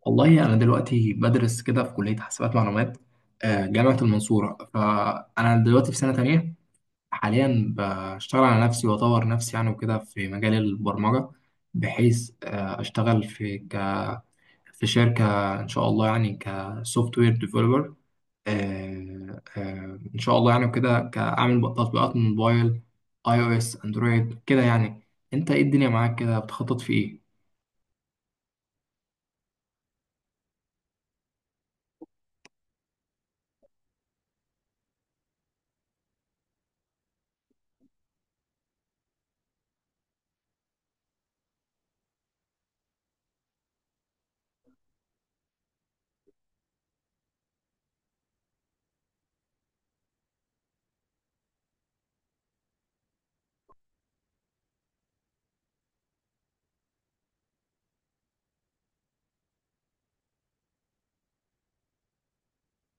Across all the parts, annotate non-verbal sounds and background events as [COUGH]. والله أنا دلوقتي بدرس كده في كلية حاسبات معلومات، جامعة المنصورة. فأنا دلوقتي في سنة تانية حاليا. بشتغل على نفسي وأطور نفسي يعني وكده في مجال البرمجة، بحيث أشتغل في في شركة إن شاء الله، يعني كسوفت وير ديفلوبر. إن شاء الله يعني وكده كأعمل تطبيقات موبايل، أي أو إس أندرويد كده يعني. أنت إيه الدنيا معاك كده بتخطط في إيه؟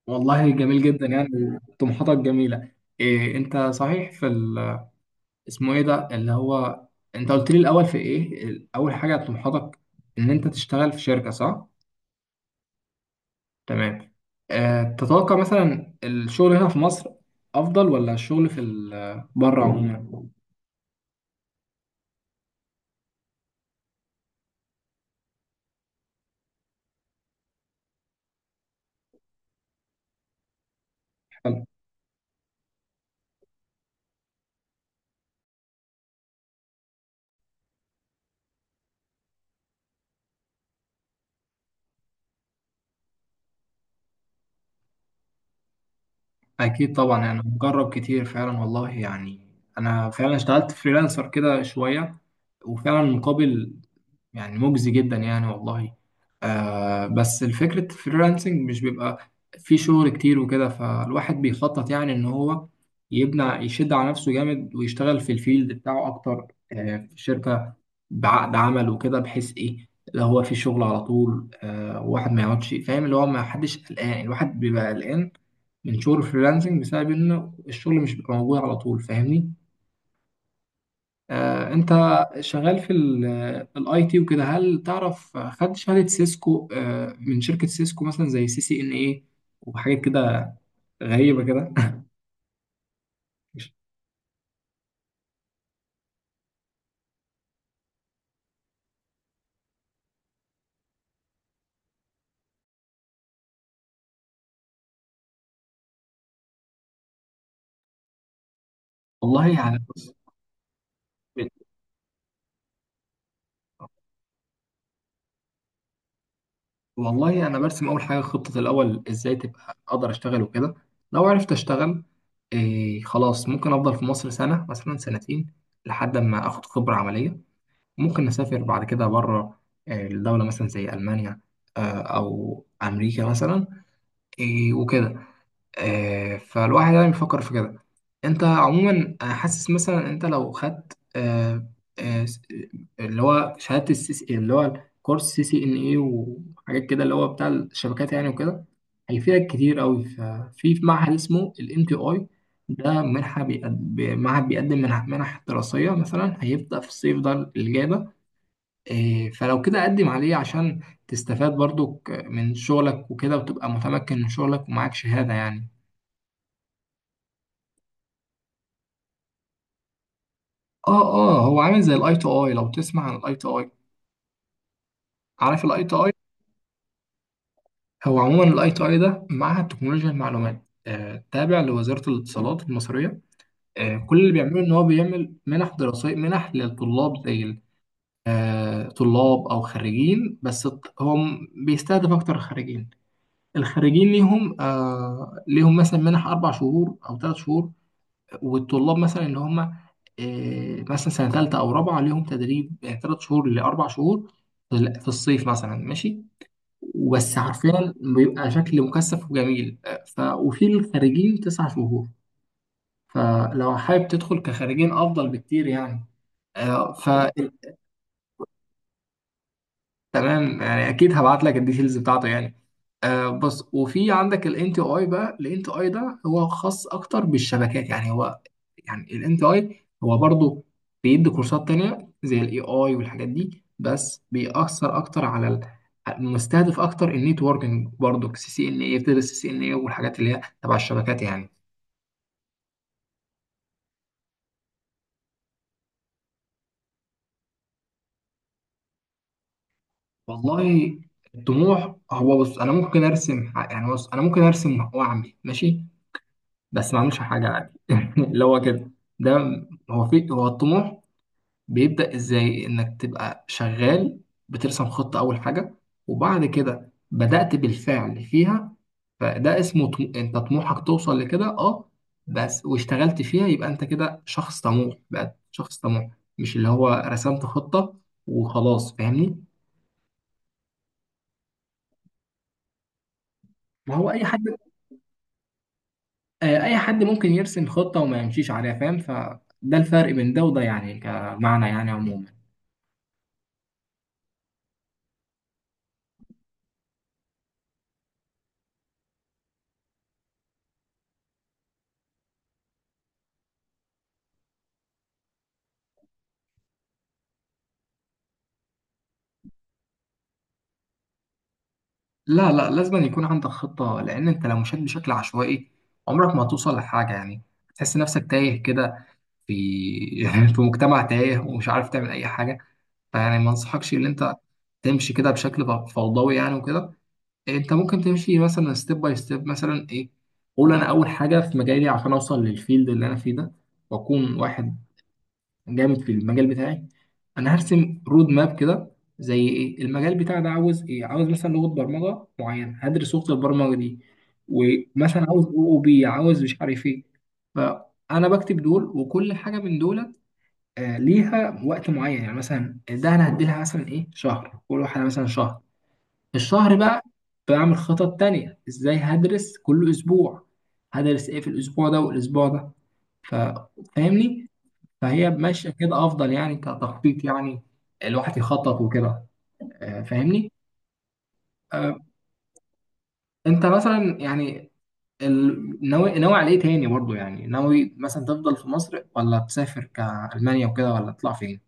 والله جميل جدا يعني. طموحاتك جميلة. إيه انت صحيح في اسمه ايه ده اللي هو، انت قلت لي الاول في ايه اول حاجة طموحاتك ان انت تشتغل في شركة، صح؟ تمام. آه تتوقع مثلا الشغل هنا في مصر افضل ولا الشغل في بره عموما؟ حلو. اكيد طبعا يعني، مجرب كتير فعلا والله يعني. انا فعلا اشتغلت فريلانسر كده شوية، وفعلا مقابل يعني مجزي جدا يعني والله. آه بس الفكرة الفريلانسنج مش بيبقى في شغل كتير وكده، فالواحد بيخطط يعني ان هو يبنى يشد على نفسه جامد، ويشتغل في الفيلد بتاعه اكتر آه في شركة بعقد عمل وكده، بحيث ايه اللي هو في شغل على طول آه، واحد ما يقعدش، فاهم اللي هو ما حدش قلقان. الواحد بيبقى قلقان من شغل الفريلانسنج بسبب ان الشغل مش بيبقى موجود على طول، فاهمني؟ انت شغال في الاي تي وكده، هل تعرف خدت شهادة سيسكو من شركة سيسكو مثلا زي سي سي ان ايه وحاجات كده غريبة كده؟ [LAUGHS] والله يعني بص. والله انا برسم اول حاجة خطة، الاول ازاي تبقى اقدر اشتغل وكده. لو عرفت اشتغل، إيه خلاص ممكن افضل في مصر سنة مثلا سنتين لحد ما اخد خبرة عملية، ممكن اسافر بعد كده بره، الدولة مثلا زي المانيا، او امريكا مثلا، إيه وكده. فالواحد يعني بيفكر في كده. انت عموما حاسس مثلا انت لو خدت آه، س- اللي هو شهادة السي سي اللي هو كورس سي سي ان اي وحاجات كده اللي هو بتاع الشبكات يعني وكده، هيفيدك كتير قوي. ففي معهد اسمه الام تي اي. ده منحة معهد بيقدم منح دراسية مثلا، هيبدأ في الصيف ده اللي جاي ده. إيه، فلو كده قدم عليه عشان تستفاد برضك من شغلك وكده، وتبقى متمكن من شغلك ومعاك شهادة يعني. اه اه، هو عامل زي الاي تو اي، لو تسمع عن الاي تو اي. عارف الاي تو اي؟ هو عموما الاي تو اي ده معهد تكنولوجيا المعلومات، تابع لوزارة الاتصالات المصرية. كل اللي بيعمله ان هو بيعمل منح دراسية، منح للطلاب زي طلاب او خريجين، بس بيستهدف اكتر الخريجين. الخريجين ليهم آه ليهم مثلا منح 4 شهور او 3 شهور. والطلاب مثلا اللي هم مثلا سنه ثالثه او رابعه ليهم تدريب يعني 3 شهور لاربع شهور في في الصيف مثلا ماشي، بس حرفيا بيبقى شكل مكثف وجميل. آه، ف وفي الخارجين 9 شهور. فلو حابب تدخل كخارجين افضل بكتير يعني. آه، ف تمام يعني، اكيد هبعت لك الديتيلز بتاعته يعني. آه بص، وفي عندك الان تي اي بقى. الان تي اي ده هو خاص اكتر بالشبكات يعني، هو يعني الان تي اي هو برضو بيدي كورسات تانية زي الاي اي والحاجات دي، بس بيأثر اكتر على مستهدف اكتر النيتوركينج. برضو سي سي ان اي، بتدرس سي سي ان اي والحاجات اللي هي تبع الشبكات يعني. والله الطموح هو بص، انا ممكن ارسم يعني بص انا ممكن ارسم واعمل ماشي، بس ما عملش حاجة عادي. [LAUGHS] اللي هو كده، ده هو في هو الطموح. بيبدأ ازاي انك تبقى شغال، بترسم خطة اول حاجة وبعد كده بدأت بالفعل فيها، فده اسمه انت طموحك توصل لكده اه، بس واشتغلت فيها يبقى انت كده شخص طموح، بقى شخص طموح، مش اللي هو رسمت خطة وخلاص فاهمني. ما هو اي حد، اي حد ممكن يرسم خطة وما يمشيش عليها فاهم. فده الفرق بين ده وده يعني كمعنى يعني عموما. لا لا، لازم أن يكون عندك خطة، لأن أنت لو مشيت بشكل عشوائي عمرك ما هتوصل لحاجة يعني. تحس نفسك تايه كده في [LAUGHS] في مجتمع تايه، ومش عارف تعمل أي حاجة. فيعني ما أنصحكش إن أنت تمشي كده بشكل فوضوي يعني وكده. أنت ممكن تمشي مثلا ستيب باي ستيب، مثلا إيه، قول أنا أول حاجة في مجالي عشان أوصل للفيلد اللي أنا فيه ده، وأكون واحد جامد في المجال بتاعي. انا هرسم رود ماب كده، زي ايه المجال بتاعي ده عاوز ايه، عاوز مثلا لغه برمجه معينه، هدرس لغه البرمجه دي، ومثلا عاوز او او بي، عاوز مش عارف ايه. فانا بكتب دول، وكل حاجه من دول ليها وقت معين يعني، مثلا ده انا هديلها مثلا ايه شهر، كل واحده مثلا شهر. الشهر بقى بعمل خطط تانية ازاي هدرس كل اسبوع، هدرس ايه في الاسبوع ده والاسبوع ده. ف- فاهمني. فهي ماشيه كده افضل يعني كتخطيط يعني، الواحد يخطط وكده. فاهمني. آه، انت مثلا يعني ناوي على ايه تاني برضو يعني؟ ناوي مثلا تفضل في مصر، ولا تسافر كألمانيا وكده، ولا تطلع فين؟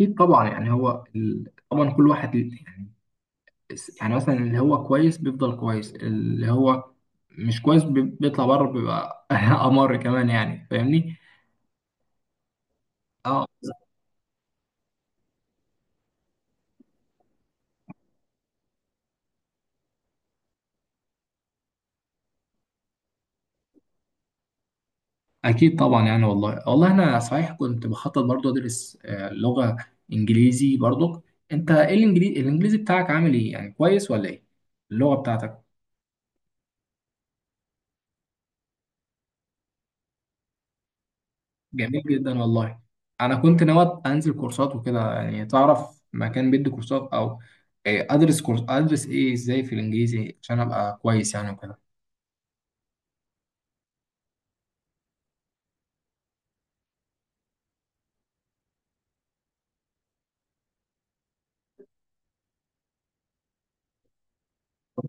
اكيد طبعا يعني، هو طبعا كل واحد يعني يعني مثلا اللي هو كويس بيفضل كويس، اللي هو مش كويس بيطلع بره بيبقى [LAUGHS] امر كمان يعني فاهمني اه. أكيد طبعا يعني والله والله. أنا صحيح كنت بخطط برضو أدرس لغة إنجليزي برضو. أنت إيه الإنجليزي، الإنجليزي بتاعك عامل إيه يعني، كويس ولا إيه اللغة بتاعتك؟ جميل جدا والله. أنا كنت ناوي أنزل كورسات وكده يعني، تعرف مكان بيدي كورسات أو أدرس كورس، أدرس إيه، إزاي في الإنجليزي عشان أبقى كويس يعني وكده.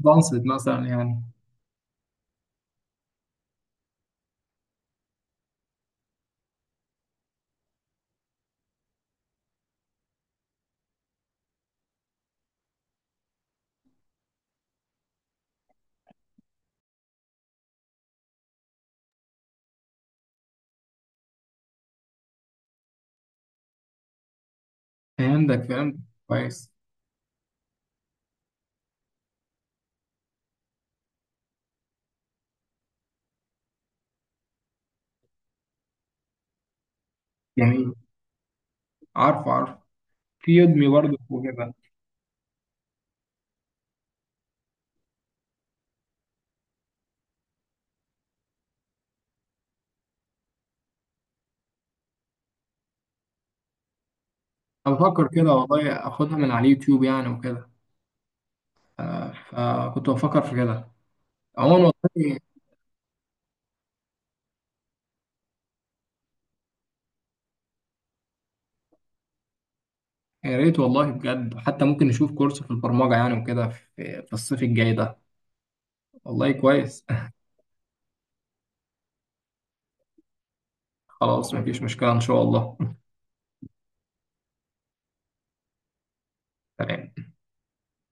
بنصت مثلا يعني. فهمتك فهمت، كويس. جميل. عارف عارف، في يدمي برضو وكده. أنا بفكر كده والله أخدها من على اليوتيوب يعني وكده. آه، فكنت بفكر في كده عموما. والله يا ريت والله، بجد حتى ممكن نشوف كورس في البرمجة يعني وكده في الصيف الجاي ده. والله كويس. [LAUGHS] خلاص مفيش مشكلة إن شاء الله. [LAUGHS] سلام.